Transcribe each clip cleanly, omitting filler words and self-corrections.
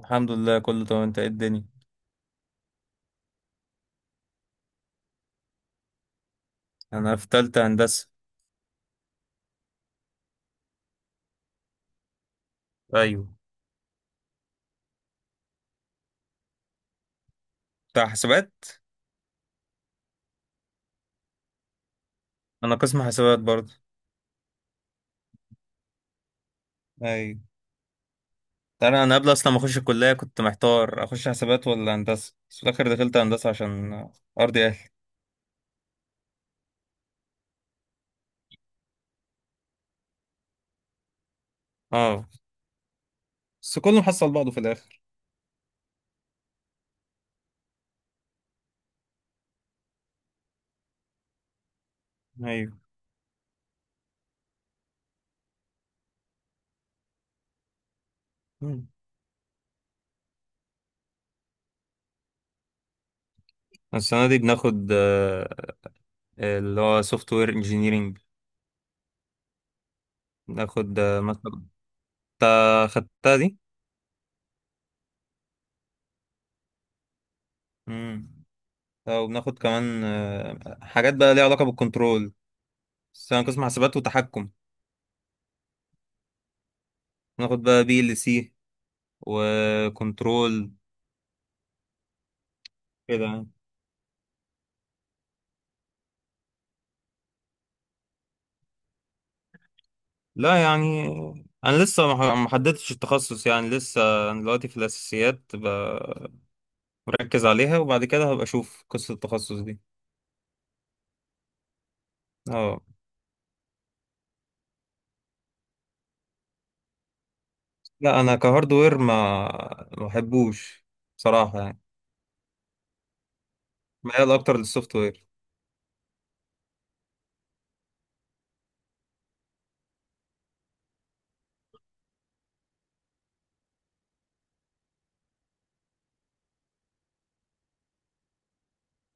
الحمد لله كله تمام. انت ايه الدنيا؟ انا في تالتة هندسة. ايوه، بتاع حسابات. انا قسم حسابات برضه. ايوه، تعالى انا قبل اصلا ما اخش الكلية كنت محتار اخش حسابات ولا هندسة، بس في الاخر دخلت هندسة عشان ارضي اهلي. اه، بس كله محصل بعضه في الاخر. ايوه. مم. السنة دي بناخد اللي هو سوفت وير انجينيرنج. بناخد مثلا انت خدتها دي؟ امم. وبناخد كمان حاجات بقى ليها علاقة بالكنترول، بس انا قسم حسابات وتحكم. ناخد بقى بي ال سي وكنترول كده يعني. لا يعني انا لسه ما حددتش التخصص، يعني لسه انا دلوقتي في الاساسيات، مركز عليها وبعد كده هبقى اشوف قصة التخصص دي. اه. لا انا كهاردوير ما بحبوش بصراحة يعني. ميال اكتر للسوفت وير.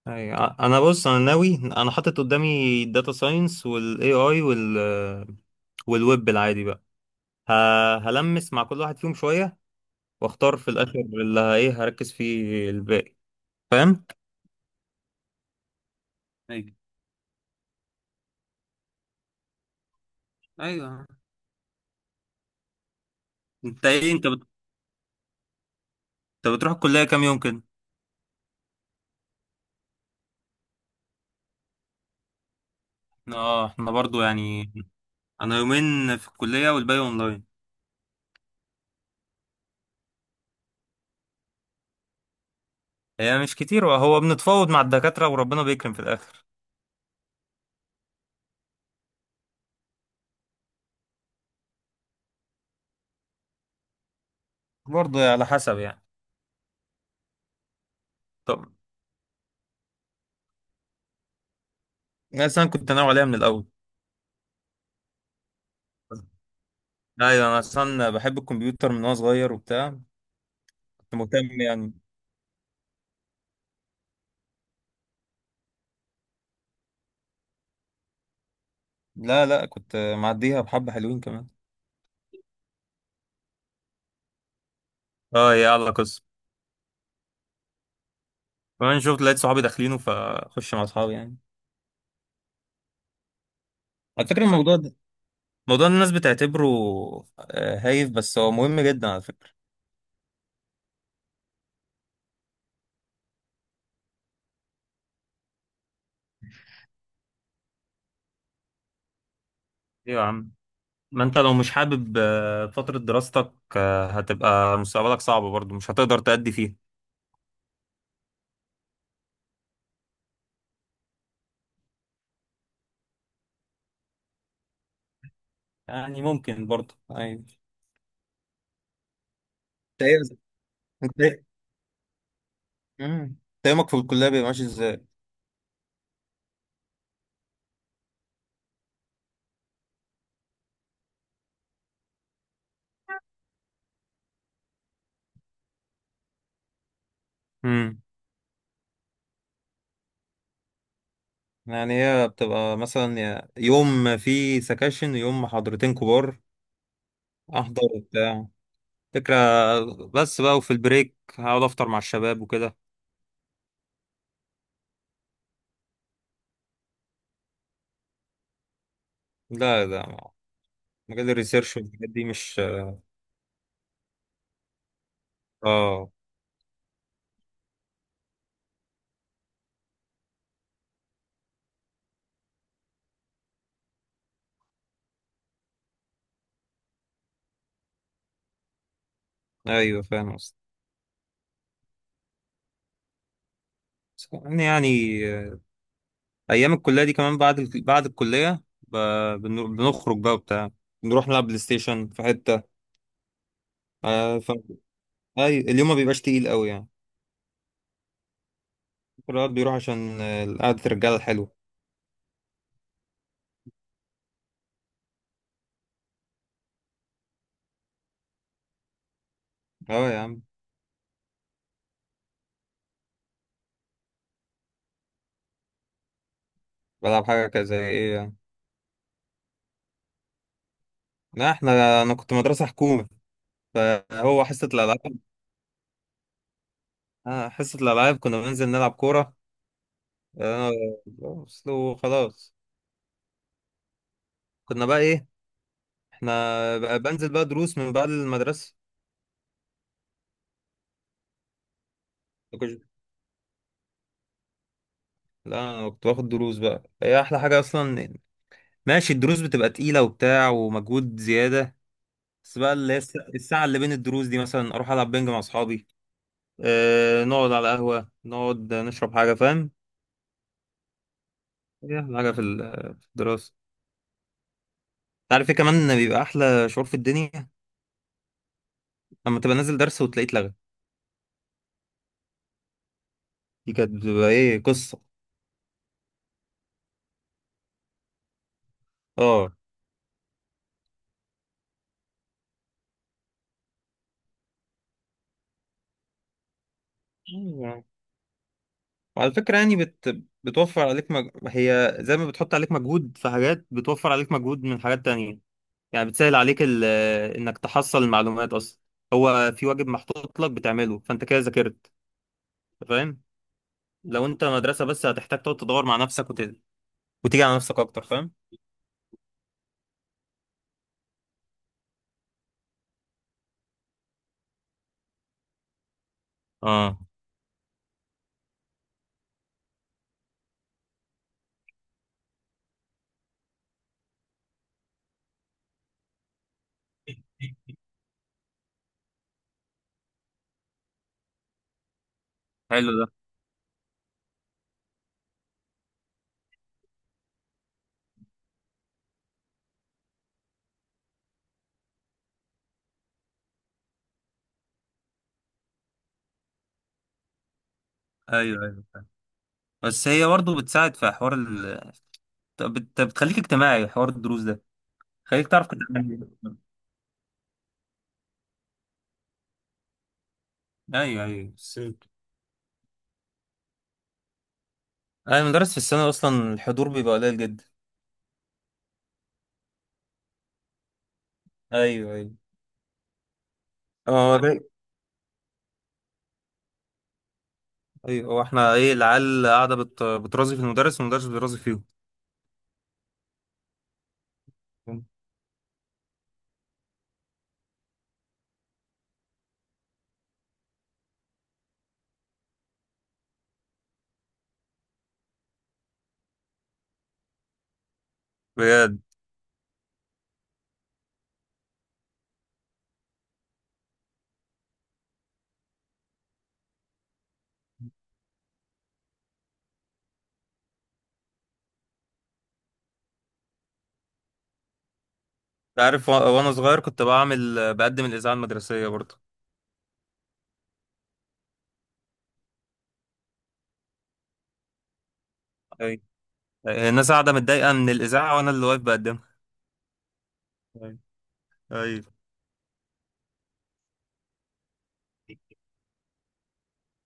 ايوه، انا بص انا ناوي، انا حاطط قدامي الداتا ساينس والاي اي وال والويب العادي بقى. هلمس مع كل واحد فيهم شوية واختار في الاخر اللي ه- ايه هركز فيه الباقي. فاهم. ايوه ايوه. انت ايه انت انت بتروح الكليه كام يوم كده؟ اه احنا برضو يعني. انا يومين في الكليه والباقي اونلاين. هي مش كتير، وهو بنتفاوض مع الدكاترة وربنا بيكرم في الاخر. برضو يعني على حسب يعني. طب أنا اصلا كنت ناوي عليها من الاول. ايوه انا اصلا بحب الكمبيوتر من وانا صغير وبتاع. كنت مهتم يعني. لا لا، كنت معديها بحبة حلوين كمان. اه يا الله قصة. كمان شفت لقيت صحابي داخلينه فخش مع اصحابي يعني. على فكرة الموضوع ده، موضوع الناس بتعتبره هايف، بس هو مهم جدا على فكرة. ايوه يا عم، ما انت لو مش حابب فترة دراستك هتبقى مستقبلك صعب برضه، مش هتقدر تأدي فيها. يعني ممكن برضه، ايوه. انت ايه. انت ايه. مم. انت يومك في الكلية بيبقى ماشي ازاي؟ امم، يعني هي بتبقى مثلا يوم في سكاشن يوم محاضرتين كبار. احضر وبتاع فكرة. بس بقى وفي البريك هقعد افطر مع الشباب وكده. لا لا، مجال الريسيرش والحاجات دي مش. اه، ايوه فاهم قصدي. بس يعني ايام الكليه دي كمان بعد بعد الكليه بنخرج بقى وبتاع، نروح نلعب بلاي ستيشن في حته. آه ف... اليوم ما بيبقاش تقيل قوي يعني. الواحد بيروح عشان قعده الرجاله الحلوه. اه يا عم. بلعب حاجه كذا ايه يعني. لا احنا، انا كنت مدرسه حكومه فهو حصه الالعاب. آه حصه الالعاب كنا بننزل نلعب كوره. آه بس لو خلاص. كنا بقى ايه، احنا بقى بنزل بقى دروس من بعد المدرسة. ما كنتش- لا انا كنت باخد دروس بقى، هي احلى حاجة اصلا. ماشي الدروس بتبقى تقيلة وبتاع ومجهود زيادة، بس بقى اللي هي الساعة اللي بين الدروس دي مثلا اروح العب بينج مع اصحابي. اه، نقعد على قهوة نقعد نشرب حاجة. فاهم، هي احلى حاجة في في الدراسة. عارف ايه كمان؟ إن بيبقى احلى شعور في الدنيا لما تبقى نازل درس وتلاقيه اتلغى. دي كانت بتبقى ايه قصة. اه. وعلى فكرة يعني بتوفر عليك هي زي ما بتحط عليك مجهود في حاجات، بتوفر عليك مجهود من حاجات تانية. يعني بتسهل عليك انك تحصل المعلومات اصلا. هو في واجب محطوط لك بتعمله، فانت كده ذاكرت. فاهم؟ لو انت مدرسة بس هتحتاج تقعد تدور مع نفسك وتيجي على نفسك اكتر. فاهم؟ اه حلو ده. ايوه ايوه فاهم. بس هي برضه بتساعد في حوار بتخليك اجتماعي، حوار الدروس ده خليك تعرف كده. ايوه ايوه بس. اي مدرس في السنة اصلا الحضور بيبقى قليل جدا. ايوه ايوه. اه ايوه، هو احنا ايه، العيال قاعدة بترازي في المدرس والمدرس بيرازي فيهم. بجد. أنت عارف وانا صغير كنت بعمل بقدم الإذاعة المدرسية برضه. ايوه. أيوة، الناس قاعدة متضايقة من الإذاعة وانا اللي واقف بقدمها. ايوه ايوه.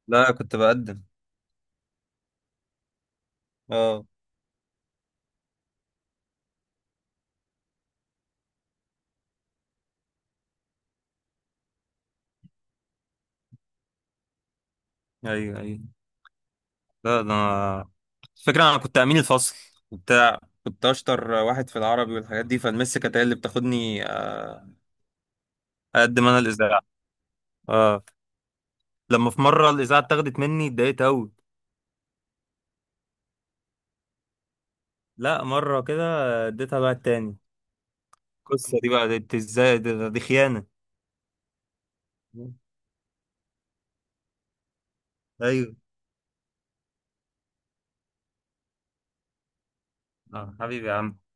لا كنت بقدم. اه ايوه ايوه. لا ده انا، الفكرة انا كنت امين الفصل وبتاع. كنت اشطر واحد في العربي والحاجات دي، فالمس كانت هي اللي بتاخدني اقدم انا الإذاعة. اه لما في مرة الإذاعة اتاخدت مني اتضايقت أوي. لا مرة كده اديتها بقى التاني. القصة دي بقى دي إزاي؟ دي، دي خيانة. أيوه. آه حبيبي يا عم.